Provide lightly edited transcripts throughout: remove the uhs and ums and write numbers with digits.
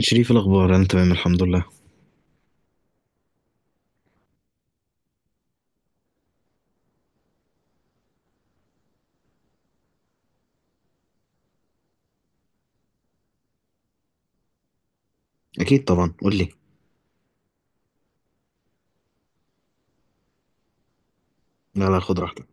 شريف، الأخبار؟ أنا تمام الحمد لله. اكيد طبعا، قول لي. لا لا، خد راحتك.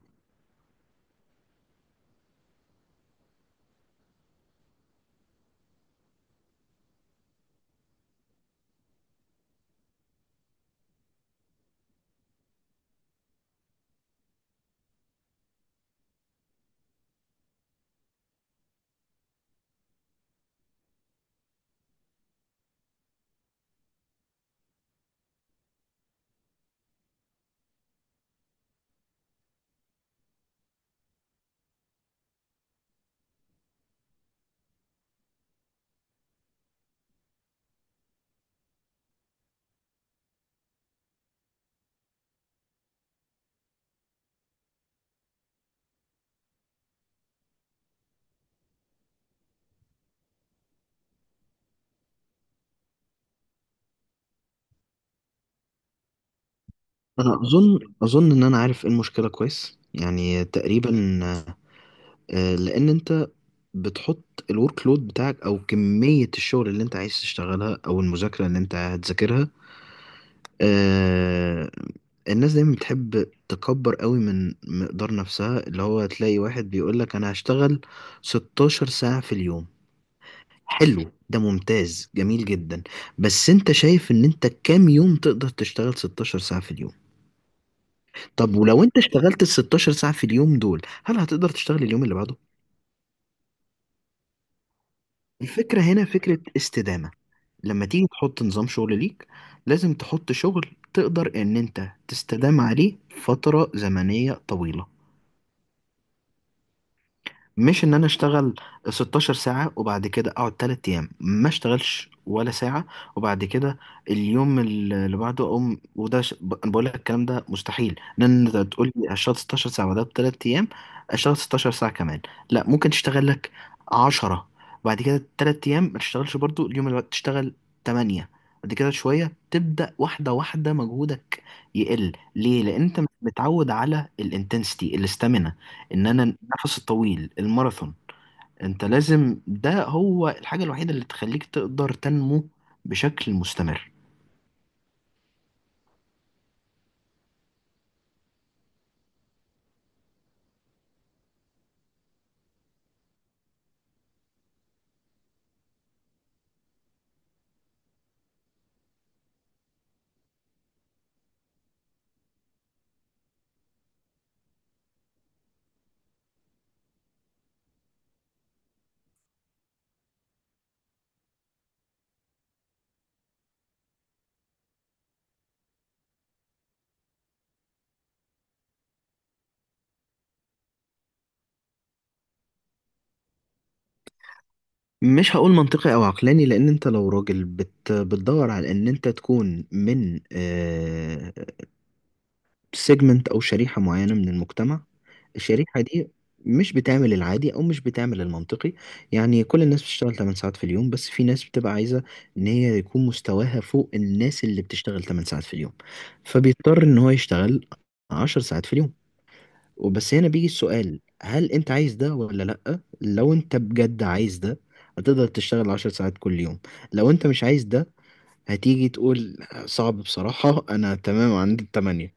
انا اظن ان انا عارف ايه المشكله كويس، يعني تقريبا. لان انت بتحط الورك لود بتاعك او كميه الشغل اللي انت عايز تشتغلها او المذاكره اللي انت هتذاكرها. آه، الناس دايما بتحب تكبر قوي من مقدار نفسها، اللي هو تلاقي واحد بيقول لك انا هشتغل 16 ساعه في اليوم. حلو، ده ممتاز جميل جدا. بس انت شايف ان انت كام يوم تقدر تشتغل 16 ساعة في اليوم؟ طب ولو انت اشتغلت ال 16 ساعة في اليوم دول هل هتقدر تشتغل اليوم اللي بعده؟ الفكرة هنا فكرة استدامة. لما تيجي تحط نظام شغل ليك لازم تحط شغل تقدر ان انت تستدام عليه فترة زمنية طويلة. مش ان انا اشتغل 16 ساعة وبعد كده اقعد 3 ايام ما اشتغلش ولا ساعة، وبعد كده اليوم اللي بعده اقوم أنا بقول لك الكلام ده مستحيل. لان انت تقول لي اشتغل 16 ساعة، وده بثلاث ايام اشتغل 16 ساعة كمان؟ لا، ممكن تشتغل لك 10، بعد كده 3 ايام ما تشتغلش، برضو اليوم اللي بعده تشتغل 8، بعد كده شوية تبدأ واحدة واحدة مجهودك يقل. ليه؟ لأن أنت مش متعود على الانتنسيتي الاستامينا، ان انا النفس الطويل الماراثون. انت لازم، ده هو الحاجة الوحيدة اللي تخليك تقدر تنمو بشكل مستمر. مش هقول منطقي او عقلاني، لان انت لو راجل بتدور على ان انت تكون من سيجمنت او شريحه معينه من المجتمع، الشريحه دي مش بتعمل العادي او مش بتعمل المنطقي. يعني كل الناس بتشتغل 8 ساعات في اليوم، بس في ناس بتبقى عايزه ان هي يكون مستواها فوق الناس اللي بتشتغل 8 ساعات في اليوم. فبيضطر ان هو يشتغل 10 ساعات في اليوم. وبس هنا بيجي السؤال، هل انت عايز ده ولا لا؟ لو انت بجد عايز ده هتقدر تشتغل 10 ساعات كل يوم. لو انت مش عايز ده هتيجي تقول صعب بصراحة، انا تمام عندي التمانية.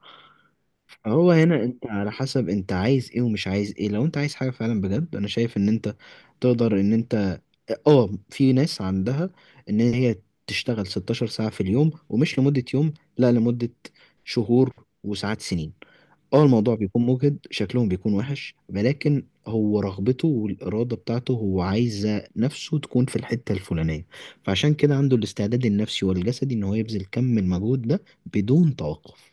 هو هنا انت على حسب انت عايز ايه ومش عايز ايه. لو انت عايز حاجة فعلا بجد انا شايف ان انت تقدر ان انت في ناس عندها ان هي تشتغل 16 ساعة في اليوم، ومش لمدة يوم، لا لمدة شهور وساعات سنين. اه، الموضوع بيكون مجهد، شكلهم بيكون وحش، ولكن هو رغبته والإرادة بتاعته هو عايزة نفسه تكون في الحتة الفلانية. فعشان كده عنده الاستعداد النفسي والجسدي ان هو يبذل كم من المجهود ده بدون توقف.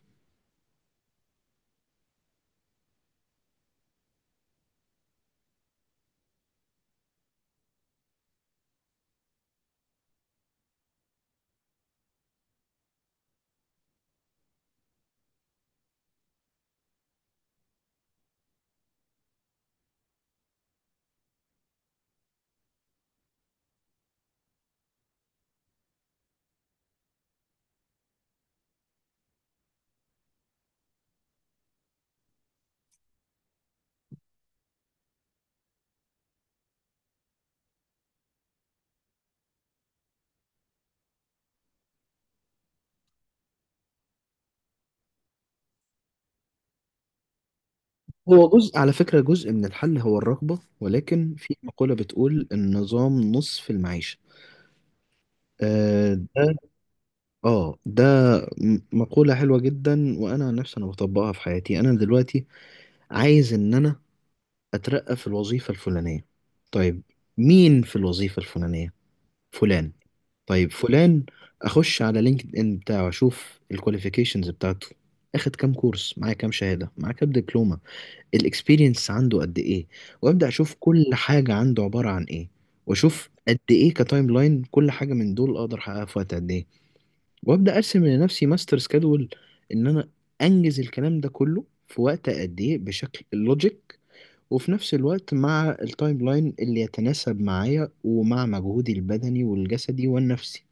هو جزء، على فكرة جزء من الحل هو الرغبة، ولكن في مقولة بتقول النظام نصف المعيشة. آه ده اه ده مقولة حلوة جدا. وانا عن نفسي انا بطبقها في حياتي. انا دلوقتي عايز ان انا اترقى في الوظيفة الفلانية. طيب، مين في الوظيفة الفلانية؟ فلان. طيب فلان، اخش على لينكد ان بتاعه، اشوف الكواليفيكيشنز بتاعته، اخد كام كورس معاه، كام شهادة معاه، كام دبلومة، الاكسبيرينس عنده قد ايه، وابدا اشوف كل حاجه عنده عباره عن ايه. واشوف قد ايه كتايم لاين كل حاجه من دول اقدر احققها في وقت قد ايه. وابدا ارسم لنفسي ماستر سكادول ان انا انجز الكلام ده كله في وقت قد ايه بشكل لوجيك، وفي نفس الوقت مع التايم لاين اللي يتناسب معايا ومع مجهودي البدني والجسدي والنفسي.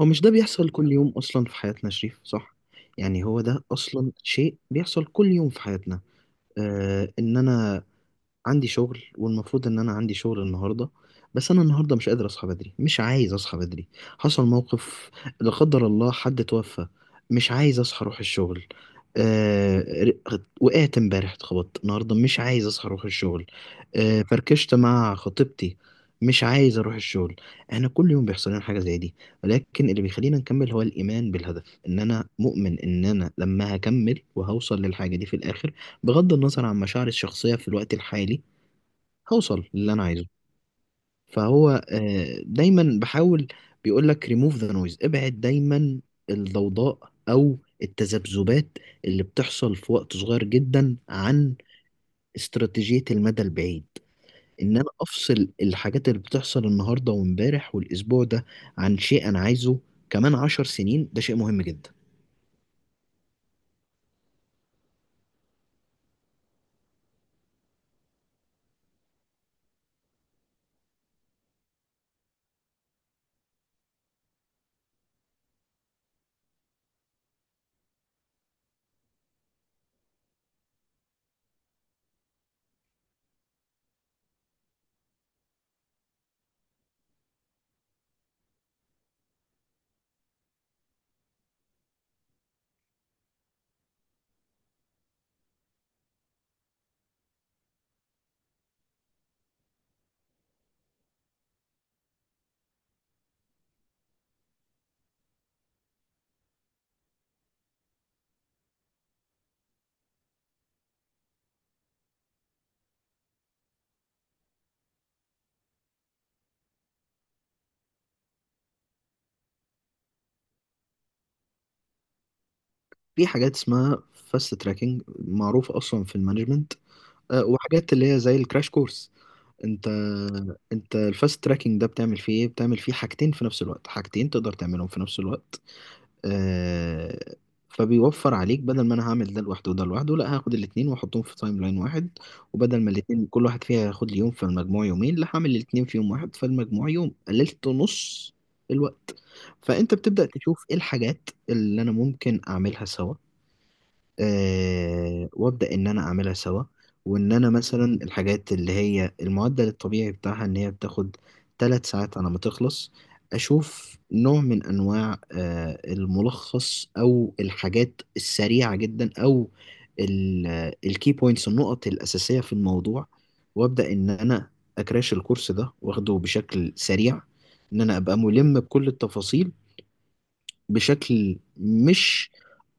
هو مش ده بيحصل كل يوم اصلا في حياتنا يا شريف؟ صح، يعني هو ده اصلا شيء بيحصل كل يوم في حياتنا. ان انا عندي شغل، والمفروض ان انا عندي شغل النهارده، بس انا النهارده مش قادر اصحى بدري، مش عايز اصحى بدري. حصل موقف، لا قدر الله حد توفى، مش عايز اصحى اروح الشغل. آه وقعت امبارح، اتخبطت النهارده مش عايز اصحى اروح الشغل. فركشت مع خطيبتي، مش عايز اروح الشغل. احنا كل يوم بيحصل لنا حاجه زي دي، ولكن اللي بيخلينا نكمل هو الايمان بالهدف. ان انا مؤمن ان انا لما هكمل وهوصل للحاجه دي في الاخر، بغض النظر عن مشاعري الشخصيه في الوقت الحالي، هوصل للي انا عايزه. فهو دايما بحاول، بيقول لك ريموف ذا نويز، ابعد دايما الضوضاء او التذبذبات اللي بتحصل في وقت صغير جدا عن استراتيجية المدى البعيد. ان انا افصل الحاجات اللي بتحصل النهاردة وامبارح والاسبوع ده عن شيء انا عايزه كمان عشر سنين، ده شيء مهم جدا. في حاجات اسمها فاست تراكنج معروفة اصلا في المانجمنت، وحاجات اللي هي زي الكراش كورس. انت انت الفاست تراكنج ده بتعمل فيه ايه؟ بتعمل فيه حاجتين في نفس الوقت، حاجتين تقدر تعملهم في نفس الوقت. آه فبيوفر عليك، بدل ما انا هعمل ده لوحده وده لوحده، لا هاخد الاتنين واحطهم في تايم لاين واحد. وبدل ما الاتنين كل واحد فيها هياخد لي يوم فالمجموع يومين، لا هعمل الاتنين في يوم واحد فالمجموع يوم، قللت نص الوقت. فانت بتبدأ تشوف ايه الحاجات اللي انا ممكن اعملها سوا. وابدا ان انا اعملها سوا. وان انا مثلا الحاجات اللي هي المعدل الطبيعي بتاعها ان هي بتاخد ثلاث ساعات على ما تخلص، اشوف نوع من انواع الملخص او الحاجات السريعه جدا او الكي بوينتس النقط الاساسيه في الموضوع، وابدا ان انا اكراش الكورس ده واخده بشكل سريع، ان انا ابقى ملم بكل التفاصيل بشكل مش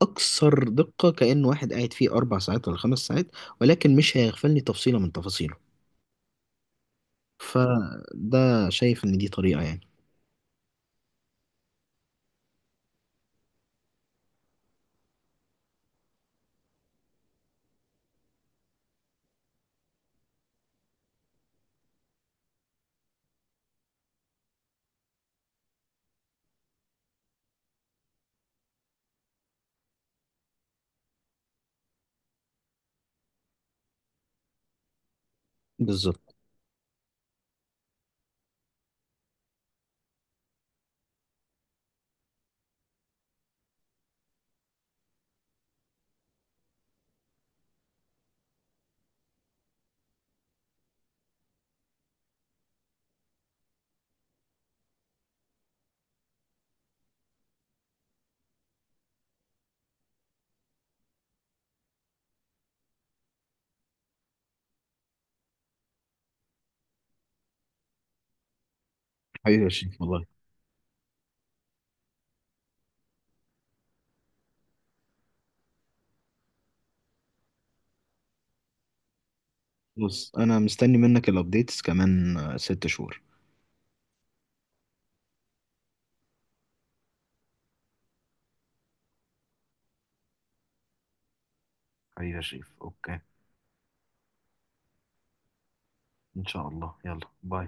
أكثر دقة كأن واحد قاعد فيه أربع ساعات ولا خمس ساعات، ولكن مش هيغفلني تفصيلة من تفاصيله. فده شايف إن دي طريقة، يعني. بالظبط. حبيبي يا شريف والله. بص، أنا مستني منك الأبديتس كمان ست شهور. حبيبي يا شريف، اوكي. ان شاء الله، يلا باي.